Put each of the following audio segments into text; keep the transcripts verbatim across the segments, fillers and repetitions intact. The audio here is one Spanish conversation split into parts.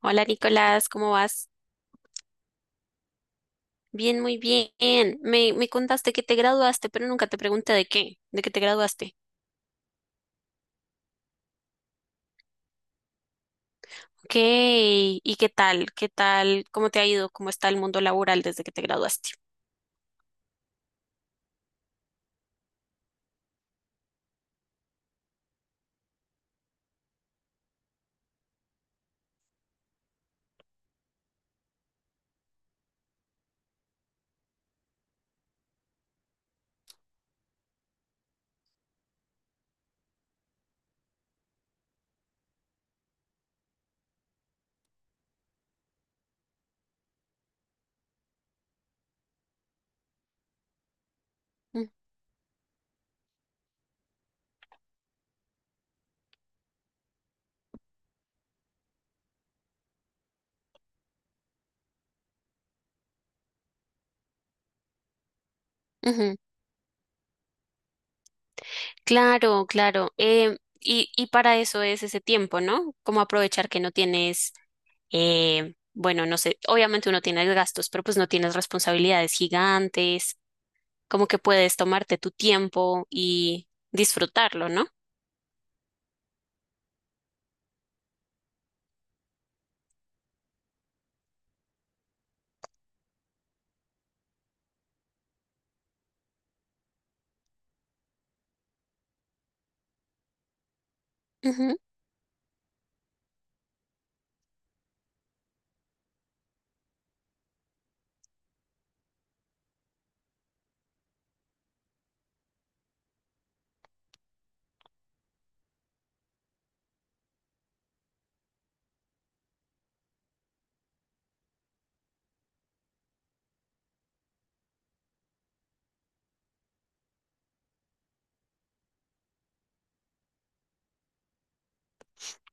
Hola Nicolás, ¿cómo vas? Bien, muy bien. Me, me contaste que te graduaste, pero nunca te pregunté de qué, de qué te graduaste. Ok, ¿y qué tal? ¿Qué tal? ¿Cómo te ha ido? ¿Cómo está el mundo laboral desde que te graduaste? Mm. Ujú. Claro, claro. Em, y, y para eso es ese tiempo, ¿no? Como aprovechar que no tienes. Eh, bueno, no sé, obviamente uno tiene gastos, pero pues no tienes responsabilidades gigantes, como que puedes tomarte tu tiempo y disfrutarlo, ¿no? Ujú,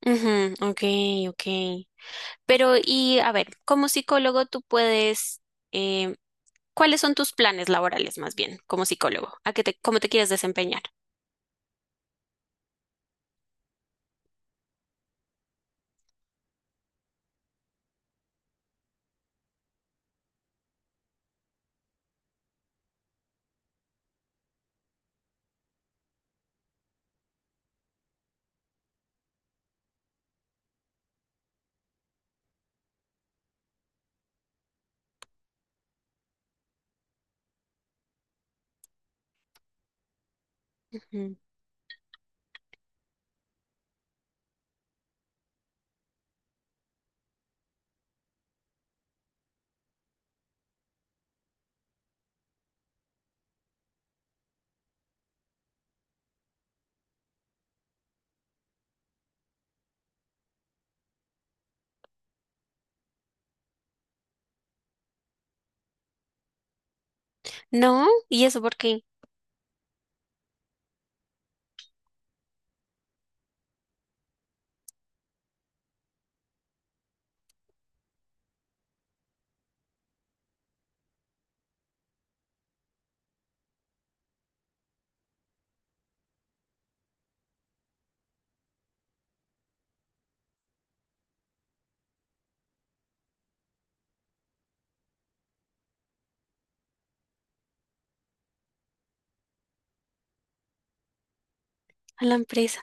ujú, ok, ok. Pero y a ver, como psicólogo tú puedes, eh, ¿cuáles son tus planes laborales más bien como psicólogo? ¿A qué te, cómo te quieres desempeñar? Ujú. No, ¿y eso por qué? A la empresa.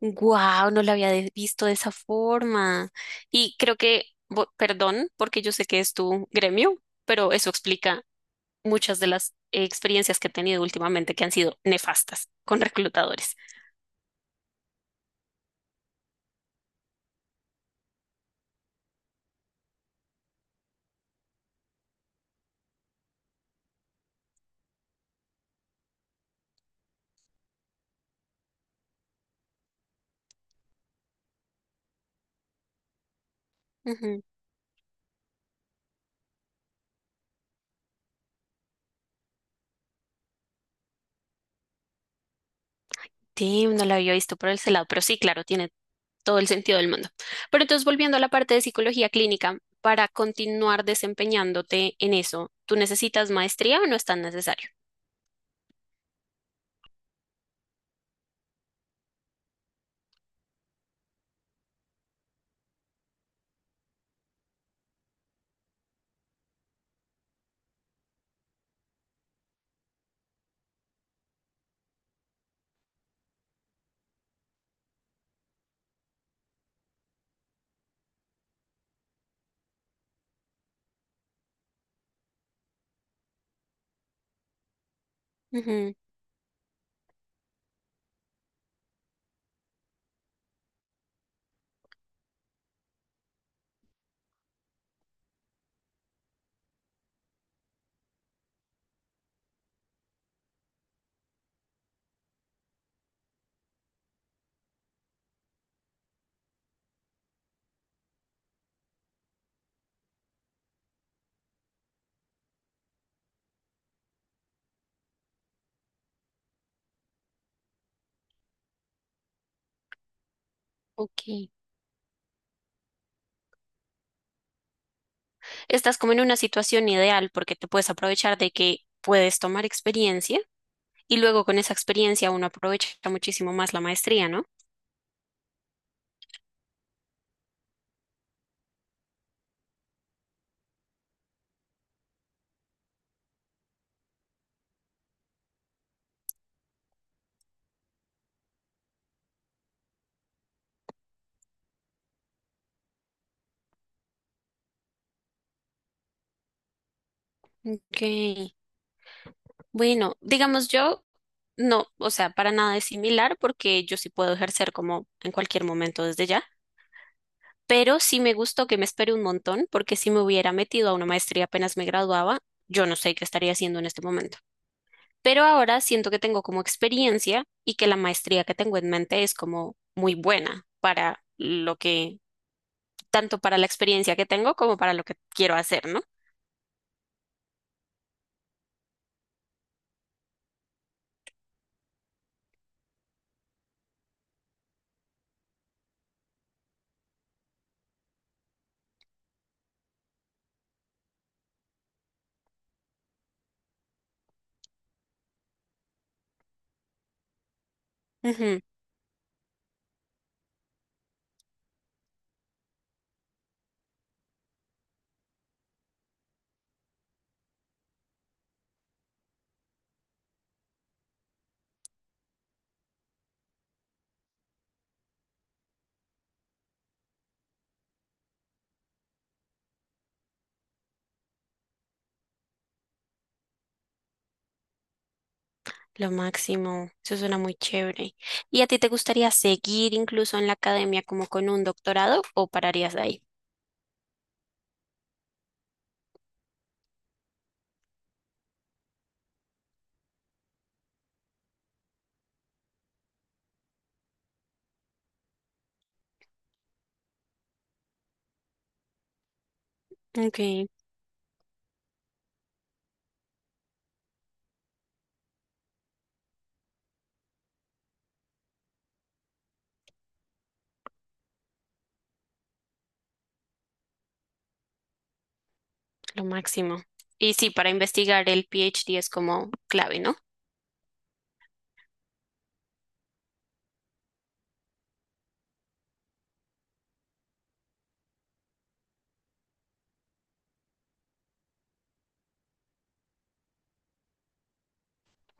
Wow, no lo había de- visto de esa forma. Y creo que, bo- perdón, porque yo sé que es tu gremio, pero eso explica muchas de las eh, experiencias que he tenido últimamente que han sido nefastas con reclutadores. Sí, no la había visto por ese lado, pero sí, claro, tiene todo el sentido del mundo. Pero entonces, volviendo a la parte de psicología clínica, para continuar desempeñándote en eso, ¿tú necesitas maestría o no es tan necesario? Ujú, ok. Estás como en una situación ideal porque te puedes aprovechar de que puedes tomar experiencia y luego con esa experiencia uno aprovecha muchísimo más la maestría, ¿no? Ok, bueno, digamos yo, no, o sea, para nada es similar porque yo sí puedo ejercer como en cualquier momento desde ya, pero sí me gustó que me espere un montón porque si me hubiera metido a una maestría apenas me graduaba, yo no sé qué estaría haciendo en este momento. Pero ahora siento que tengo como experiencia y que la maestría que tengo en mente es como muy buena para lo que, tanto para la experiencia que tengo como para lo que quiero hacer, ¿no? Ujú. Lo máximo, eso suena muy chévere. ¿Y a ti te gustaría seguir incluso en la academia como con un doctorado o pararías de ahí? Ok, lo máximo. Y sí, para investigar el p h d es como clave, ¿no?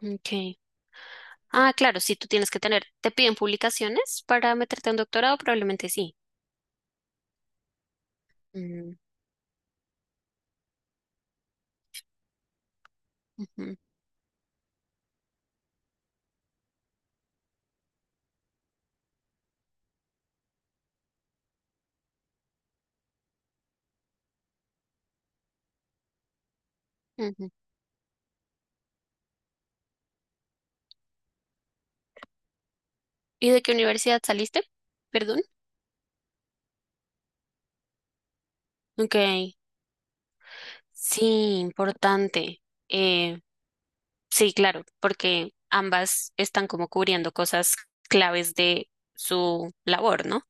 Ok. Ah, claro, sí, tú tienes que tener, ¿te piden publicaciones para meterte a un doctorado? Probablemente sí. Mm, ujú, ujú. ¿Y de qué universidad saliste? Perdón. Ok, sí, importante. Sí, claro, porque ambas están como cubriendo cosas claves de su labor, ¿no?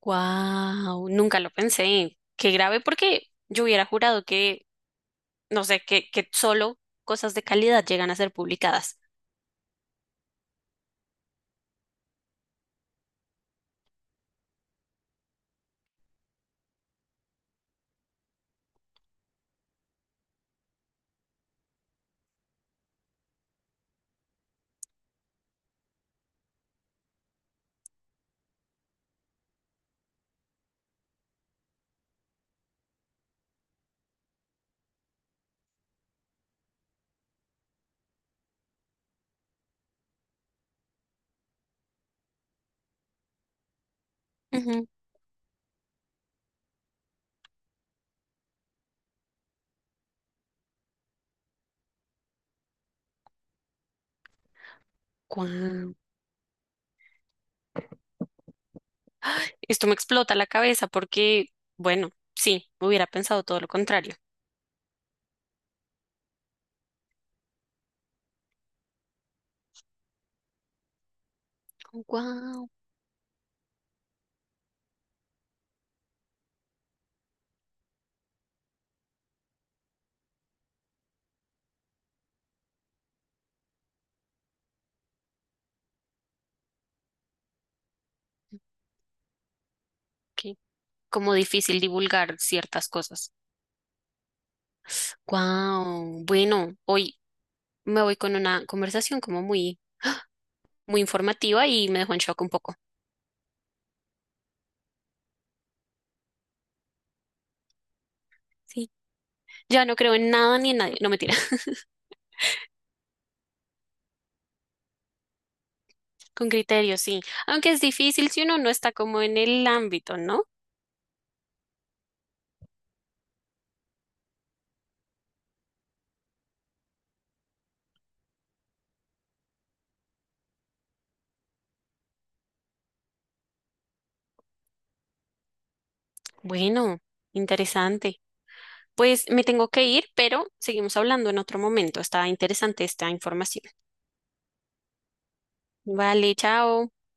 Wow, nunca lo pensé. Qué grave porque yo hubiera jurado que, no sé, que, que solo cosas de calidad llegan a ser publicadas. Wow. Esto me explota la cabeza porque, bueno, sí, hubiera pensado todo lo contrario. Wow, qué como difícil divulgar ciertas cosas. Wow, bueno, hoy me voy con una conversación como muy muy informativa y me dejó en shock un poco. Sí, ya no creo en nada ni en nadie, no mentira, con criterio, sí. Aunque es difícil si uno no está como en el ámbito, ¿no? Bueno, interesante. Pues me tengo que ir, pero seguimos hablando en otro momento. Está interesante esta información. Vale, chao.